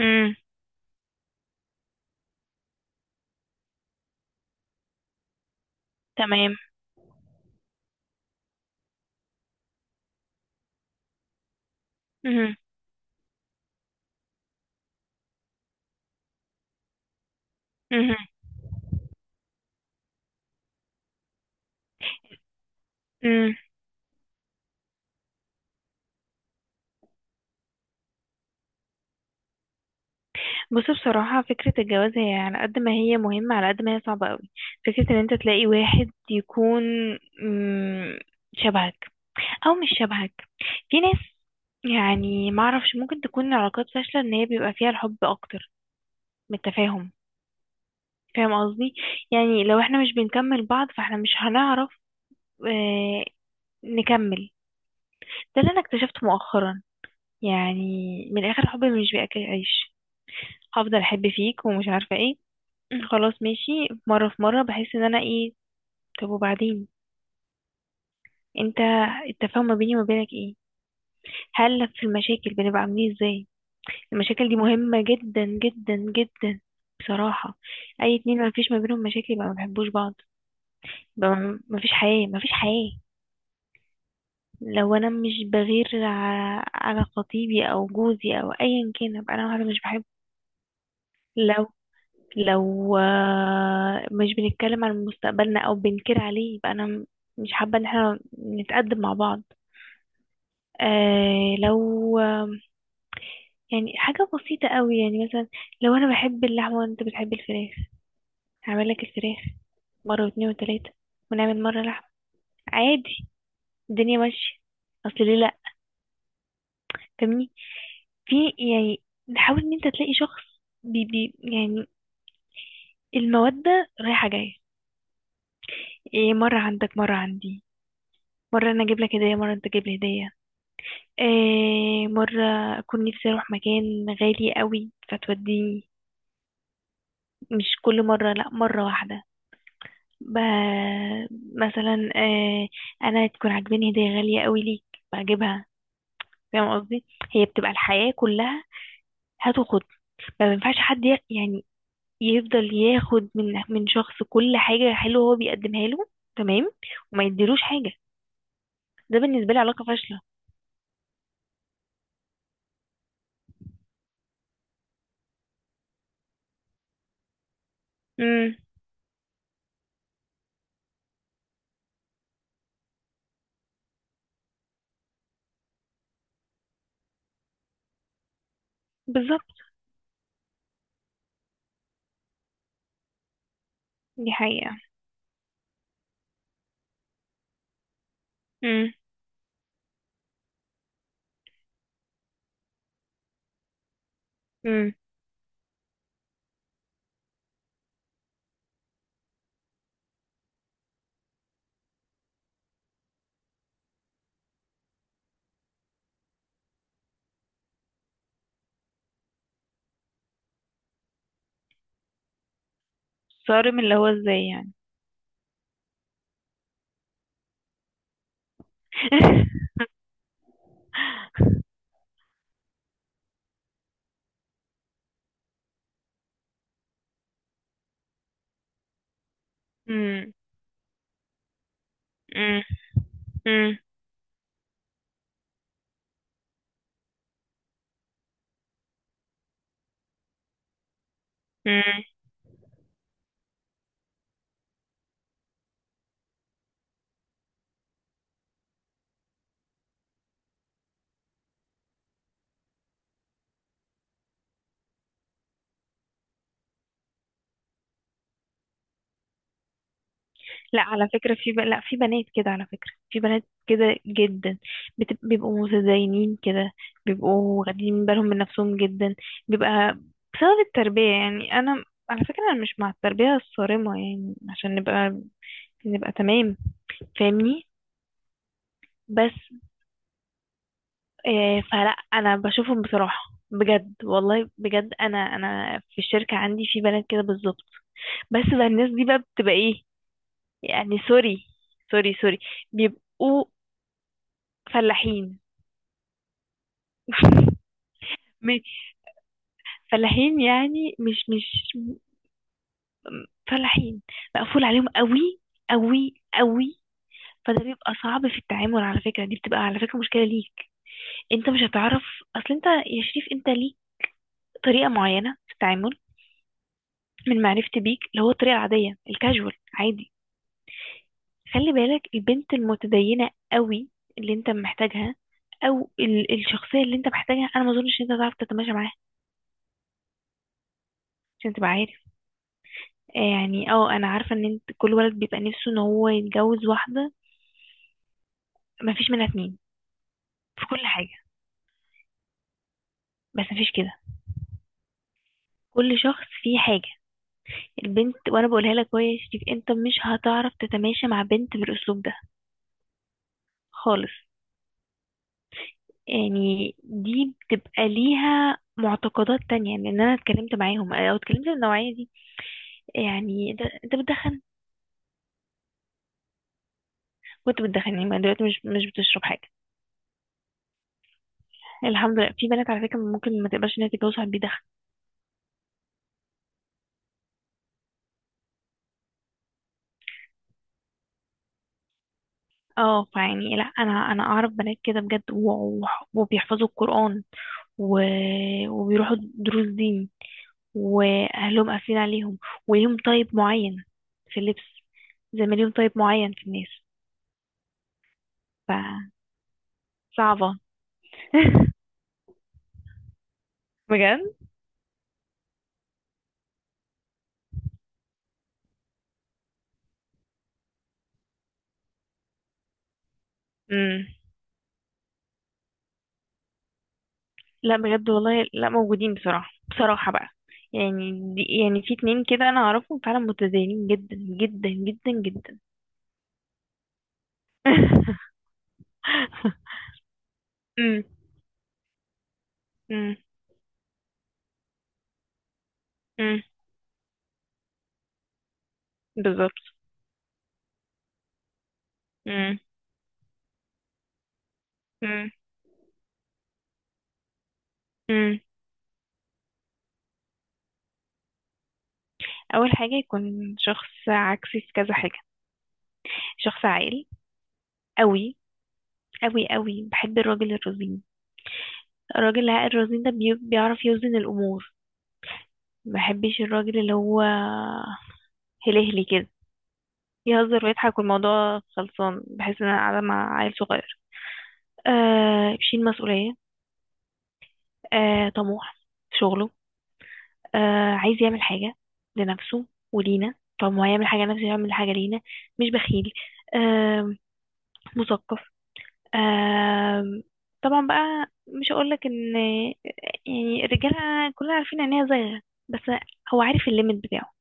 امم. تمام. امم. امم. امم. بص، بصراحة فكرة الجواز هي على قد ما هي مهمة على قد ما هي صعبة قوي. فكرة ان انت تلاقي واحد يكون مم، شبهك او مش شبهك. في ناس، يعني ما اعرفش، ممكن تكون علاقات فاشلة ان هي بيبقى فيها الحب اكتر من التفاهم. فاهم قصدي؟ يعني لو احنا مش بنكمل بعض فاحنا مش هنعرف آه نكمل. ده اللي انا اكتشفته مؤخرا، يعني من الاخر الحب مش بياكل عيش. هفضل احب فيك ومش عارفه ايه. خلاص ماشي. مره في مره بحس ان انا ايه؟ طب وبعدين؟ انت التفاهم ما بيني وما بينك ايه؟ هل في المشاكل بنبقى عاملين إيه، ازاي؟ المشاكل دي مهمه جدا جدا جدا، بصراحه. اي اتنين ما فيش ما بينهم مشاكل يبقى ما بيحبوش بعض، يبقى ما فيش حياه، ما فيش حياه. لو انا مش بغير على خطيبي او جوزي او ايا كان، ابقى انا واحده مش بحبه. لو لو مش بنتكلم عن مستقبلنا او بنكر عليه، يبقى انا مش حابة ان احنا نتقدم مع بعض. آه لو آه يعني حاجة بسيطة قوي، يعني مثلا لو انا بحب اللحمة وانت بتحب الفراخ، هعمل لك الفراخ مرة واتنين وتلاتة ونعمل مرة لحمة، عادي، الدنيا ماشية، اصل ليه لا؟ فاهمني؟ في، يعني نحاول ان انت تلاقي شخص بي بي يعني المودة رايحة جاية، إيه مرة عندك مرة عندي، مرة أنا أجيب لك هدية مرة أنت تجيب لي هدية، إيه مرة أكون نفسي أروح مكان غالي قوي فتوديني، مش كل مرة، لأ مرة واحدة. ب... مثلا إيه، أنا تكون عاجباني هدية غالية قوي ليك بجيبها. فاهم قصدي؟ هي بتبقى الحياة كلها، هات وخد. ما بينفعش حد يعني يفضل ياخد من شخص كل حاجة حلوة هو بيقدمها له، تمام. وما يديلوش حاجة، ده بالنسبة لي علاقة فاشلة. امم. بالظبط، دي حقيقة. امم. صارم اللي هو ازاي يعني؟ امم. امم. امم. امم. لا، على فكرة في لا في بنات كده، على فكرة في بنات كده جدا بيبقوا متدينين كده، بيبقوا واخدين بالهم من نفسهم جدا، بيبقى بسبب التربية. يعني أنا على فكرة أنا مش مع التربية الصارمة، يعني عشان نبقى تمام. فاهمني؟ بس إيه، فلا انا بشوفهم بصراحه بجد، والله بجد، انا في الشركه عندي في بنات كده بالظبط. بس بقى الناس دي بقى بتبقى ايه؟ يعني سوري، سوري، سوري، بيبقوا فلاحين. م- فلاحين يعني، مش فلاحين، مقفول عليهم قوي، قوي قوي. فده بيبقى صعب في التعامل، على فكره دي بتبقى على فكره مشكله ليك، انت مش هتعرف. اصل انت يا شريف انت ليك طريقه معينه في التعامل، من معرفتي بيك، اللي هو الطريقة العادية الكاجوال، عادي. خلي بالك، البنت المتدينة قوي اللي انت محتاجها، او الشخصية اللي انت محتاجها، انا ما اظنش ان انت تعرف تتماشى معاها، عشان تبقى عارف. يعني انا عارفة ان انت كل ولد بيبقى نفسه ان هو يتجوز واحدة ما فيش منها اتنين في كل حاجة، بس ما فيش كده، كل شخص فيه حاجة. البنت، وانا بقولها لك اهو يا شريف، انت مش هتعرف تتماشى مع بنت بالاسلوب ده خالص، يعني دي بتبقى ليها معتقدات تانية، يعني ان انا اتكلمت معاهم، او اتكلمت النوعية دي. يعني انت بتدخن. وانت بتدخن يعني، ما دلوقتي مش بتشرب حاجة. الحمد لله، في بنات على فكرة ممكن ما تقبلش ان هي تتجوز واحد بيدخن. اه، فيعني لا، انا اعرف بنات كده بجد وبيحفظوا القرآن و... وبيروحوا دروس دين، واهلهم قافلين عليهم، وليهم طيب معين في اللبس، زي ما ليهم طيب معين في الناس، فصعبة. بجد، لا بجد والله، لا موجودين، بصراحة، بصراحة بقى. يعني دي، يعني في اتنين كده انا اعرفهم فعلا متدينين جدا جدا جدا جدا. امم. امم. امم. بالظبط. امم. امم. امم. اول حاجة يكون شخص عكسي في كذا حاجة، شخص عاقل قوي، قوي قوي، بحب الراجل الرزين، الراجل العاقل الرزين ده بيعرف يوزن الامور. ما بحبش الراجل اللي هو هلهلي كده، يهزر ويضحك والموضوع خلصان، بحس ان انا قاعده مع عيل صغير. بيشيل مسؤوليه، طموح في شغله، عايز يعمل حاجه لنفسه ولينا، طب ما هو يعمل حاجه لنفسه يعمل حاجه لينا، مش بخيل، آه مثقف. آه طبعا بقى مش هقولك ان يعني الرجاله كلنا عارفين ان هي زيغه، بس هو عارف الليميت بتاعه،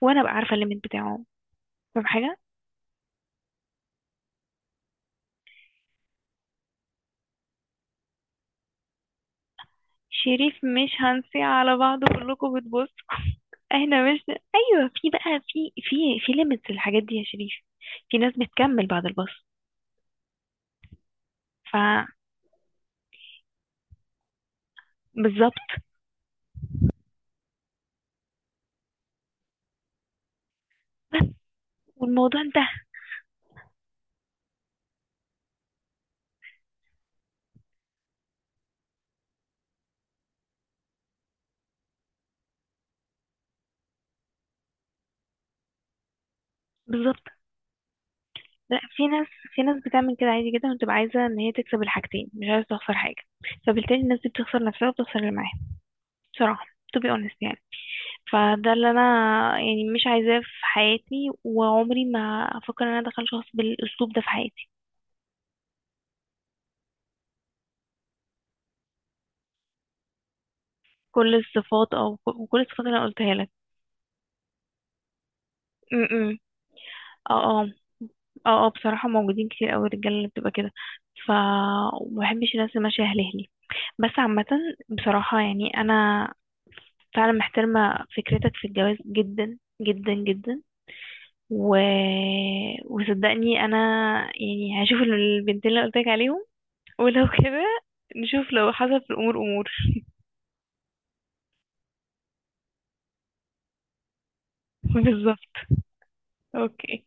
وانا بقى عارفه الليميت بتاعه، فاهم حاجه؟ شريف، مش هنسي على بعض كلكم بتبصوا، احنا مش، ايوه في بقى، في ليميتس للحاجات دي يا شريف. في ناس بتكمل بعد الباص. ف بالظبط، والموضوع انتهى. بالظبط. لا، في ناس، بتعمل كده عادي جدا، وتبقى عايزه ان هي تكسب الحاجتين، مش عايزه تخسر حاجه. فبالتالي الناس دي بتخسر نفسها وبتخسر اللي معاها، بصراحه، to be honest يعني. فده اللي انا يعني مش عايزاه في حياتي، وعمري ما افكر ان انا ادخل شخص بالاسلوب ده في حياتي. كل الصفات، او كل الصفات اللي انا قلتها لك. م- م. اه اه، اه اه، بصراحة موجودين كتير قوي الرجالة اللي بتبقى كده، ف ومبحبش الناس اللي ماشية هلهلي، بس عامة بصراحة يعني أنا فعلا محترمة فكرتك في الجواز جدا جدا جدا. و... وصدقني أنا يعني هشوف البنتين اللي قلتلك عليهم، ولو كده نشوف لو حصل في الأمور أمور. بالظبط. اوكي.